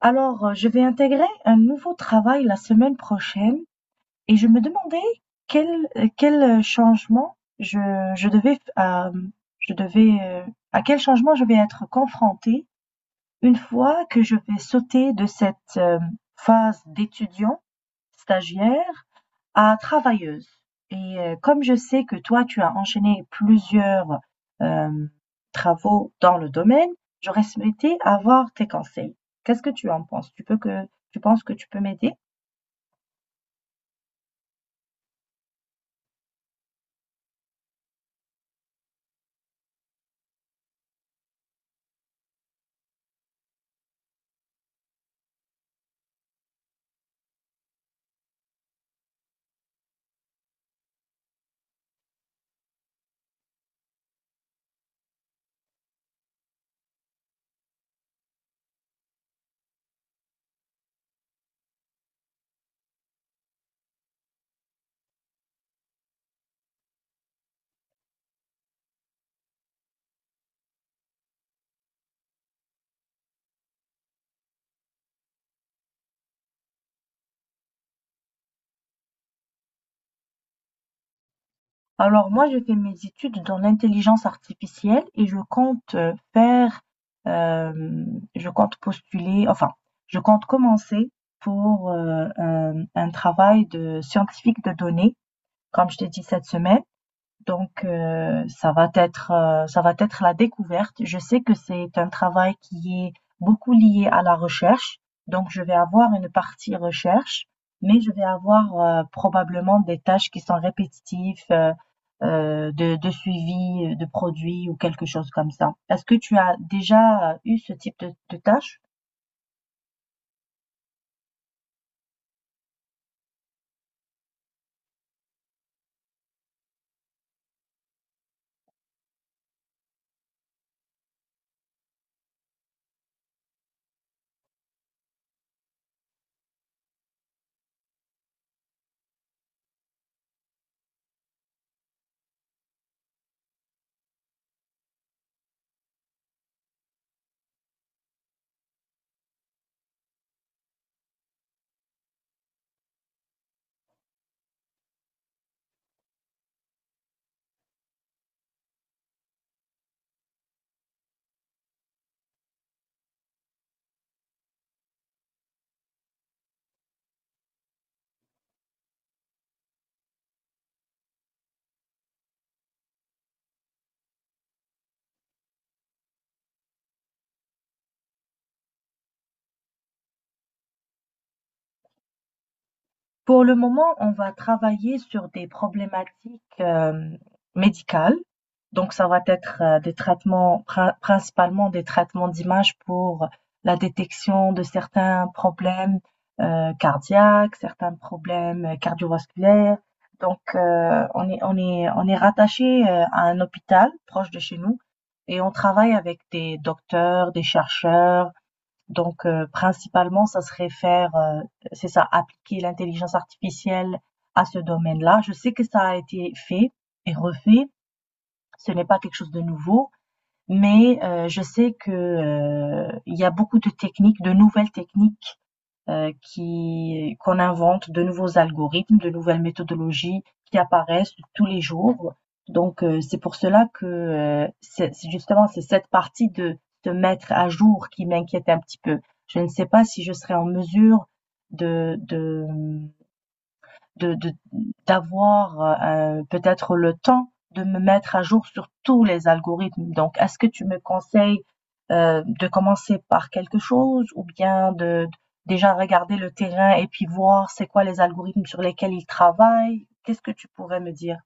Je vais intégrer un nouveau travail la semaine prochaine et je me demandais quel quel changement je devais euh, je devais à quel changement je vais être confrontée une fois que je vais sauter de cette phase d'étudiant stagiaire à travailleuse, et comme je sais que toi tu as enchaîné plusieurs, hem, travaux dans le domaine, j'aurais souhaité avoir tes conseils. Qu'est-ce que tu en penses? Tu penses que tu peux m'aider? Alors moi, j'ai fait mes études dans l'intelligence artificielle et je je compte je compte commencer pour, un travail de scientifique de données, comme je t'ai dit cette semaine. Donc, ça va être la découverte. Je sais que c'est un travail qui est beaucoup lié à la recherche. Donc, je vais avoir une partie recherche, mais je vais avoir probablement des tâches qui sont répétitives, de suivi de produits ou quelque chose comme ça. Est-ce que tu as déjà eu ce type de tâches? Pour le moment, on va travailler sur des problématiques médicales. Donc, ça va être des principalement des traitements d'image pour la détection de certains problèmes cardiaques, certains problèmes cardiovasculaires. Donc, on est rattaché à un hôpital proche de chez nous, et on travaille avec des docteurs, des chercheurs. Donc, principalement, ça serait c'est ça, appliquer l'intelligence artificielle à ce domaine-là. Je sais que ça a été fait et refait. Ce n'est pas quelque chose de nouveau, mais je sais que, il y a beaucoup de techniques, de nouvelles techniques qui qu'on invente de nouveaux algorithmes, de nouvelles méthodologies qui apparaissent tous les jours. Donc c'est pour cela que c'est cette partie de se mettre à jour qui m'inquiète un petit peu. Je ne sais pas si je serai en mesure de de de, de- d'avoir peut-être le temps de me mettre à jour sur tous les algorithmes. Donc, est-ce que tu me conseilles de commencer par quelque chose ou bien de déjà regarder le terrain et puis voir c'est quoi les algorithmes sur lesquels ils travaillent? Qu'est-ce que tu pourrais me dire?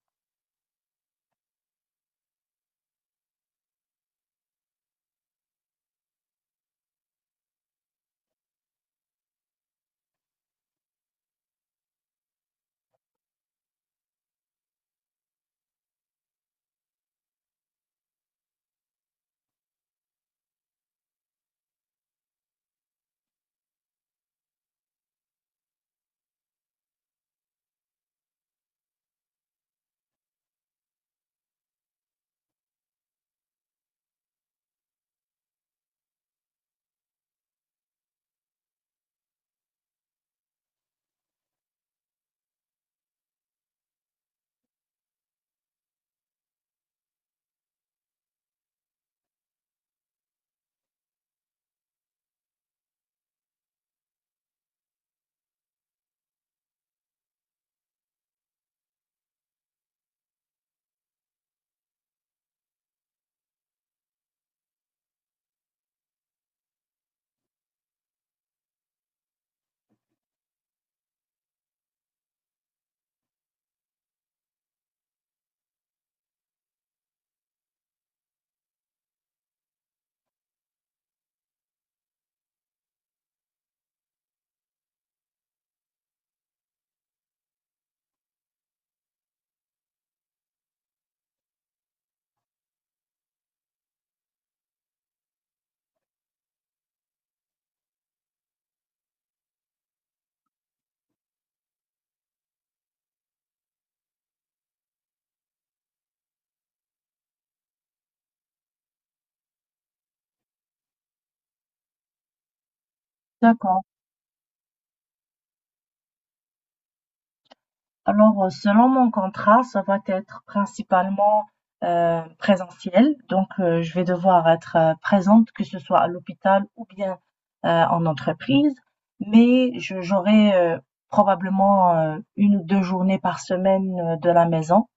D'accord. Alors, selon mon contrat, ça va être principalement présentiel. Donc, je vais devoir être présente, que ce soit à l'hôpital ou bien en entreprise. Mais j'aurai probablement une ou deux journées par semaine de la maison.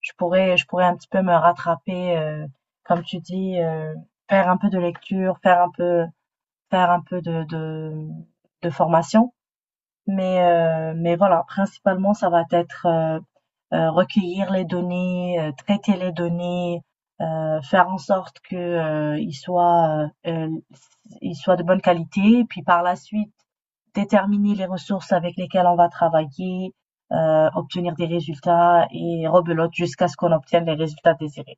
Je pourrais un petit peu me rattraper, comme tu dis, faire un peu de lecture, faire un peu de formation. Mais voilà, principalement, ça va être recueillir les données, traiter les données, faire en sorte que ils soient de bonne qualité, et puis par la suite déterminer les ressources avec lesquelles on va travailler, obtenir des résultats et rebelote jusqu'à ce qu'on obtienne les résultats désirés.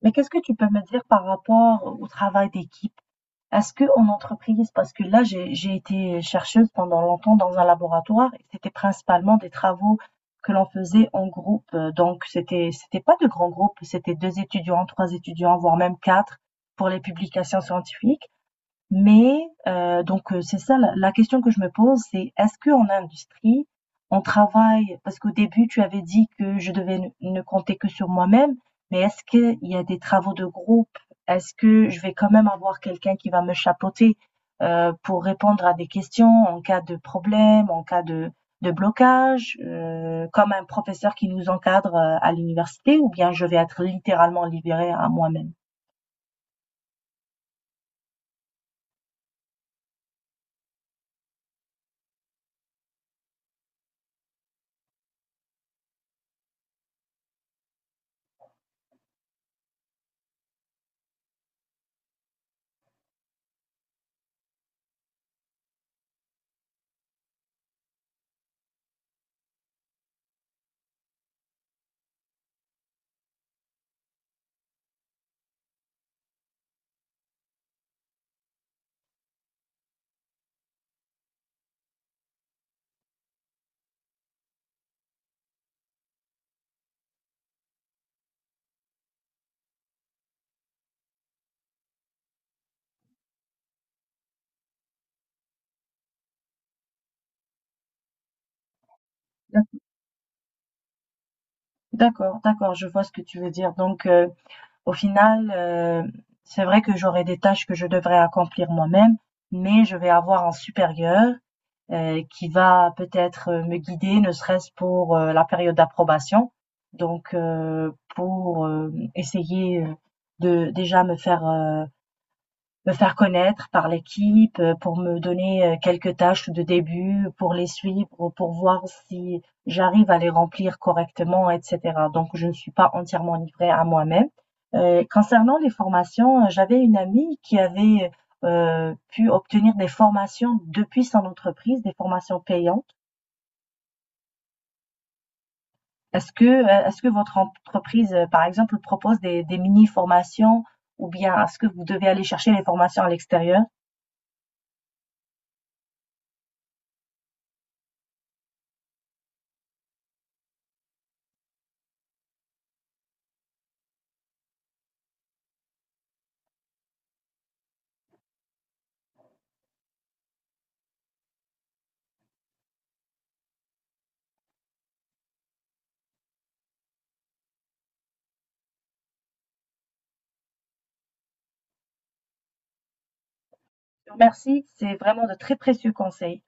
Mais qu'est-ce que tu peux me dire par rapport au travail d'équipe à ce qu'on entreprise? Parce que là, j'ai été chercheuse pendant longtemps dans un laboratoire et c'était principalement des travaux que l'on faisait en groupe. Donc, c'était pas de grands groupes, c'était deux étudiants, trois étudiants, voire même quatre pour les publications scientifiques. Mais c'est ça la question que je me pose, c'est est-ce que en industrie, on travaille, parce qu'au début, tu avais dit que je devais ne compter que sur moi-même, mais est-ce qu'il y a des travaux de groupe? Est-ce que je vais quand même avoir quelqu'un qui va me chapeauter, pour répondre à des questions en cas de problème, en cas de blocage, comme un professeur qui nous encadre, à l'université, ou bien je vais être littéralement libérée à moi-même? D'accord, d'accord, je vois ce que tu veux dire. Donc au final, c'est vrai que j'aurai des tâches que je devrais accomplir moi-même, mais je vais avoir un supérieur, qui va peut-être me guider, ne serait-ce pour, la période d'approbation. Donc, pour essayer, de déjà me me faire connaître par l'équipe, pour me donner, quelques tâches de début, pour les suivre, pour voir si j'arrive à les remplir correctement et cetera. Donc je ne suis pas entièrement livrée à moi-même. Concernant les formations, j'avais une amie qui avait, pu obtenir des formations depuis son entreprise, des formations payantes. Est-ce que, votre entreprise, par exemple, propose des mini-formations, ou bien est-ce que vous devez aller chercher les formations à l'extérieur? Je te remercie, c'est vraiment de très précieux conseils.